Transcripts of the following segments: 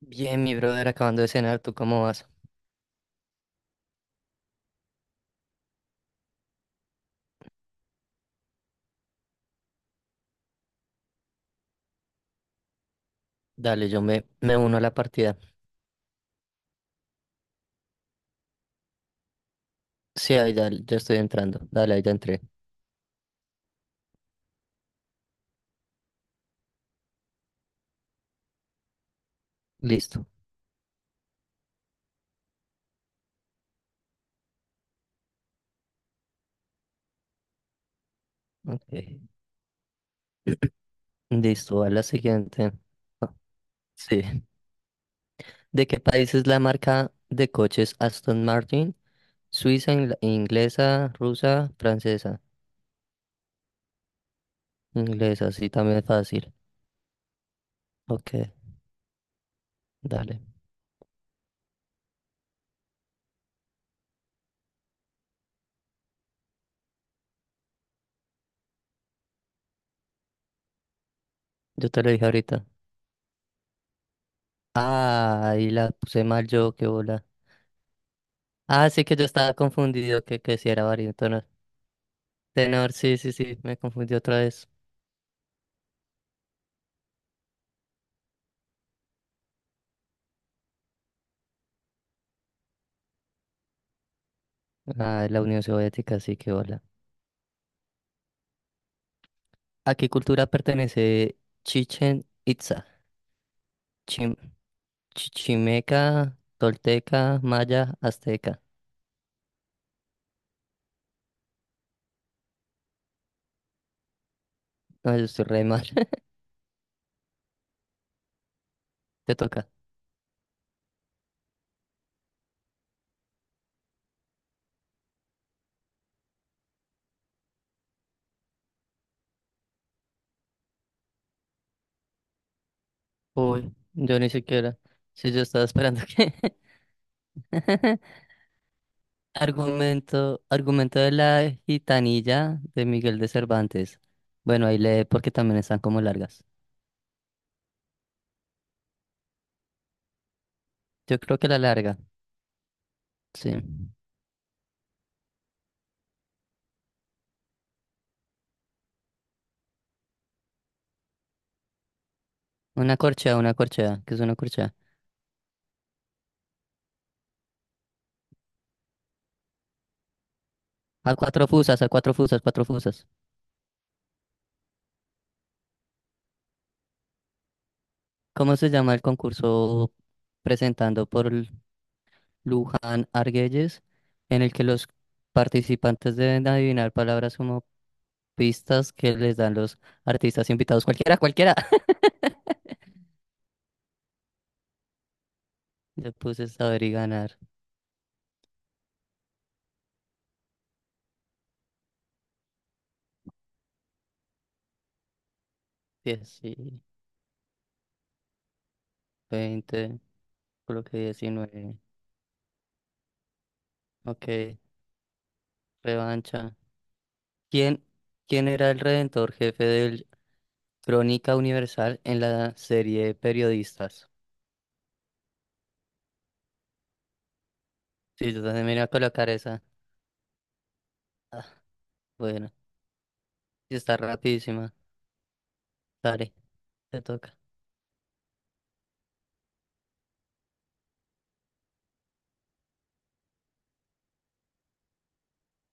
Bien, mi brother, acabando de cenar, ¿tú cómo vas? Dale, yo me uno a la partida. Sí, ahí dale, ya estoy entrando. Dale, ahí ya entré. Listo. Ok. Listo, a la siguiente. Ah, sí. ¿De qué país es la marca de coches Aston Martin? Suiza, inglesa, rusa, francesa. Inglesa, sí, también es fácil. Ok, dale. Yo te lo dije ahorita. Ah, ahí la puse mal yo, qué bola. Ah, sí que yo estaba confundido que si era variante. Tenor, sí, sí, sí, me confundí otra vez. Ah, la Unión Soviética, así que hola. ¿A qué cultura pertenece Chichen Itza? Chim- Chichimeca, Tolteca, Maya, Azteca. No, yo estoy re mal. Te toca. Uy, yo ni siquiera. Sí, yo estaba esperando que. Argumento, argumento de la gitanilla de Miguel de Cervantes. Bueno, ahí lee porque también están como largas. Yo creo que la larga, sí. Una corchea, que es una corchea. A cuatro fusas, cuatro fusas. ¿Cómo se llama el concurso presentando por Luján Argüelles, en el que los participantes deben adivinar palabras como pistas que les dan los artistas invitados? Cualquiera, cualquiera. Le puse saber y ganar. Diez y 20, creo que 19. Ok, revancha. ¿Quién, quién era el redentor jefe del Crónica Universal en la serie de periodistas? Sí, yo también me iba a colocar esa. Ah, bueno, sí está rapidísima. Dale, te toca.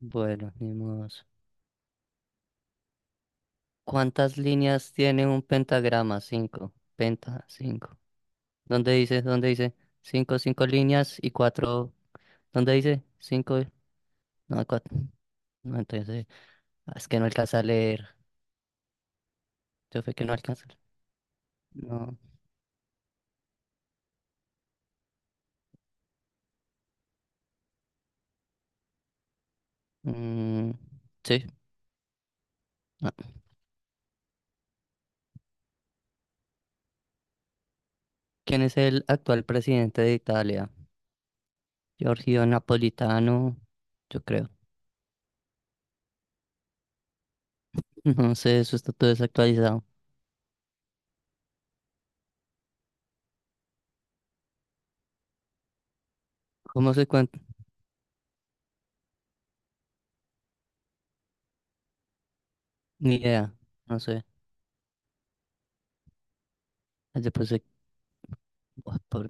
Bueno, ni modos. ¿Cuántas líneas tiene un pentagrama? Cinco. Penta, cinco. ¿Dónde dice? ¿Dónde dice? Cinco, cinco líneas y cuatro. ¿Dónde dice? Cinco. No, cuatro. No, entonces. Ah, es que no alcanza a leer. Yo fue que no alcanza. No. Mm, sí. No. ¿Quién es el actual presidente de Italia? Giorgio Napolitano, yo creo. No sé, eso está todo desactualizado. ¿Cómo se cuenta? Ni idea, no sé. Después de- Buah,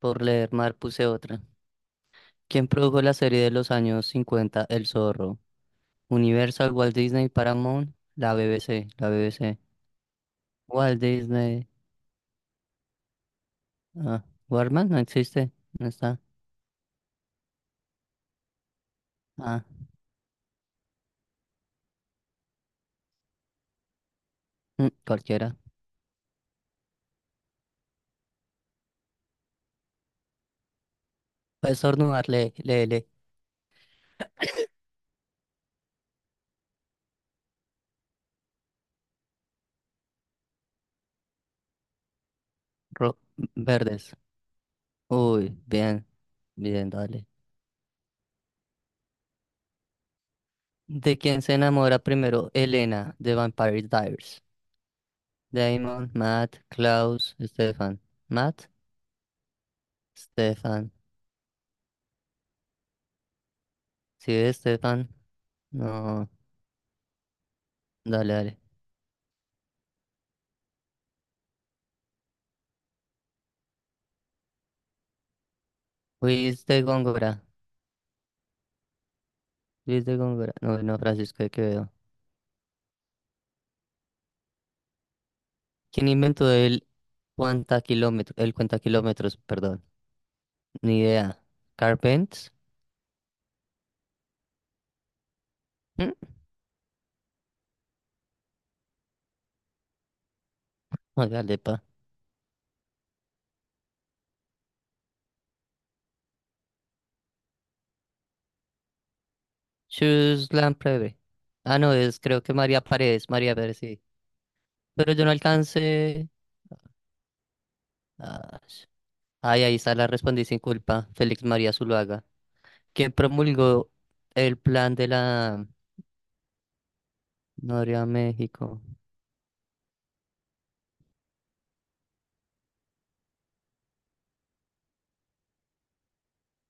por leer Mar puse otra. ¿Quién produjo la serie de los años 50 El Zorro? Universal, Walt Disney, Paramount, la BBC, la BBC. Walt Disney. Ah, Warman no existe, no está. Ah, mm, cualquiera. Puedes estornudar, le le le. Ro- verdes. Uy, bien, bien, dale. ¿De quién se enamora primero Elena de Vampire Diaries? Damon, Matt, Klaus, Stefan. Matt. Stefan. Sí, Stefan. No, dale, dale. Luis de Góngora. Luis de Góngora. No, no, Francisco de Quevedo. ¿Quién inventó el cuenta kilómetro, el cuenta kilómetros? Perdón. Ni idea. Carpent. ¿Mm? Hágale, pa. Shoes Lamprey. Ah, no, es creo que María Paredes. María Paredes, sí. Pero yo no alcancé. Ah, ay, ahí está la respondí sin culpa. Félix María Zuluaga. ¿Quién promulgó el plan de la Noria México?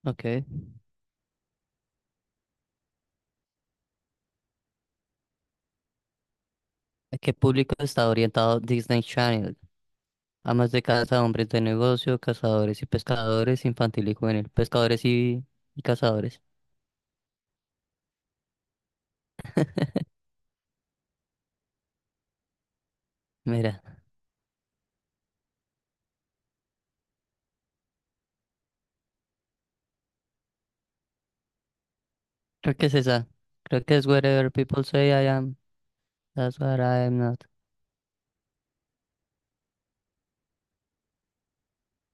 Ok. ¿A qué público está orientado Disney Channel? Amas de casa, hombres de negocio, cazadores y pescadores, infantil y juvenil, pescadores y cazadores. Mira, creo que es esa. Creo que es Wherever People Say I Am. That's what I am not.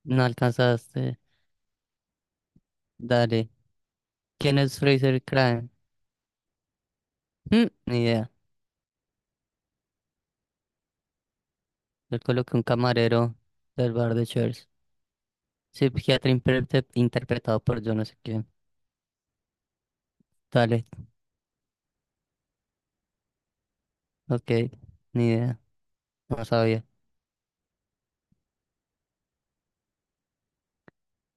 No alcanzaste. Dale. ¿Quién es Fraser Crane? Mm, ni idea. Yo coloqué un camarero del bar de Cheers. Sí, psiquiatra interpretado por yo no sé quién. Dale. Ok. Ni idea. No sabía.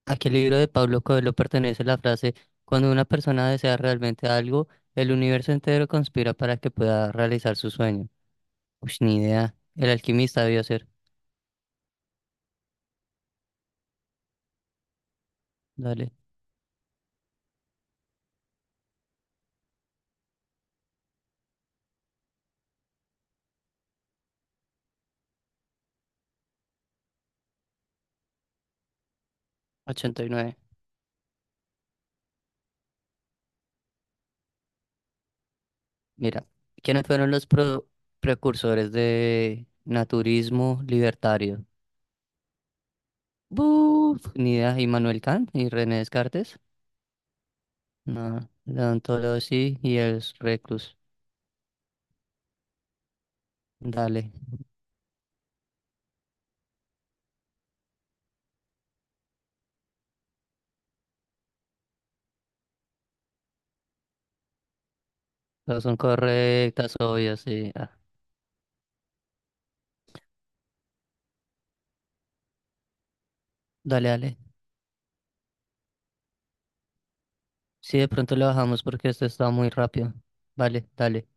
¿A qué libro de Pablo Coelho pertenece la frase, cuando una persona desea realmente algo, el universo entero conspira para que pueda realizar su sueño? Uy, ni idea. El alquimista debió ser. Dale. 89. Mira, ¿quiénes fueron los precursores de naturismo libertario? Buf, ni idea. ¿Immanuel Kant y René Descartes? No. León Tolosí y el Reclus. Dale. Todas son correctas, obvio, sí. Ah, dale, dale. Sí, de pronto lo bajamos porque esto está muy rápido. Vale, dale.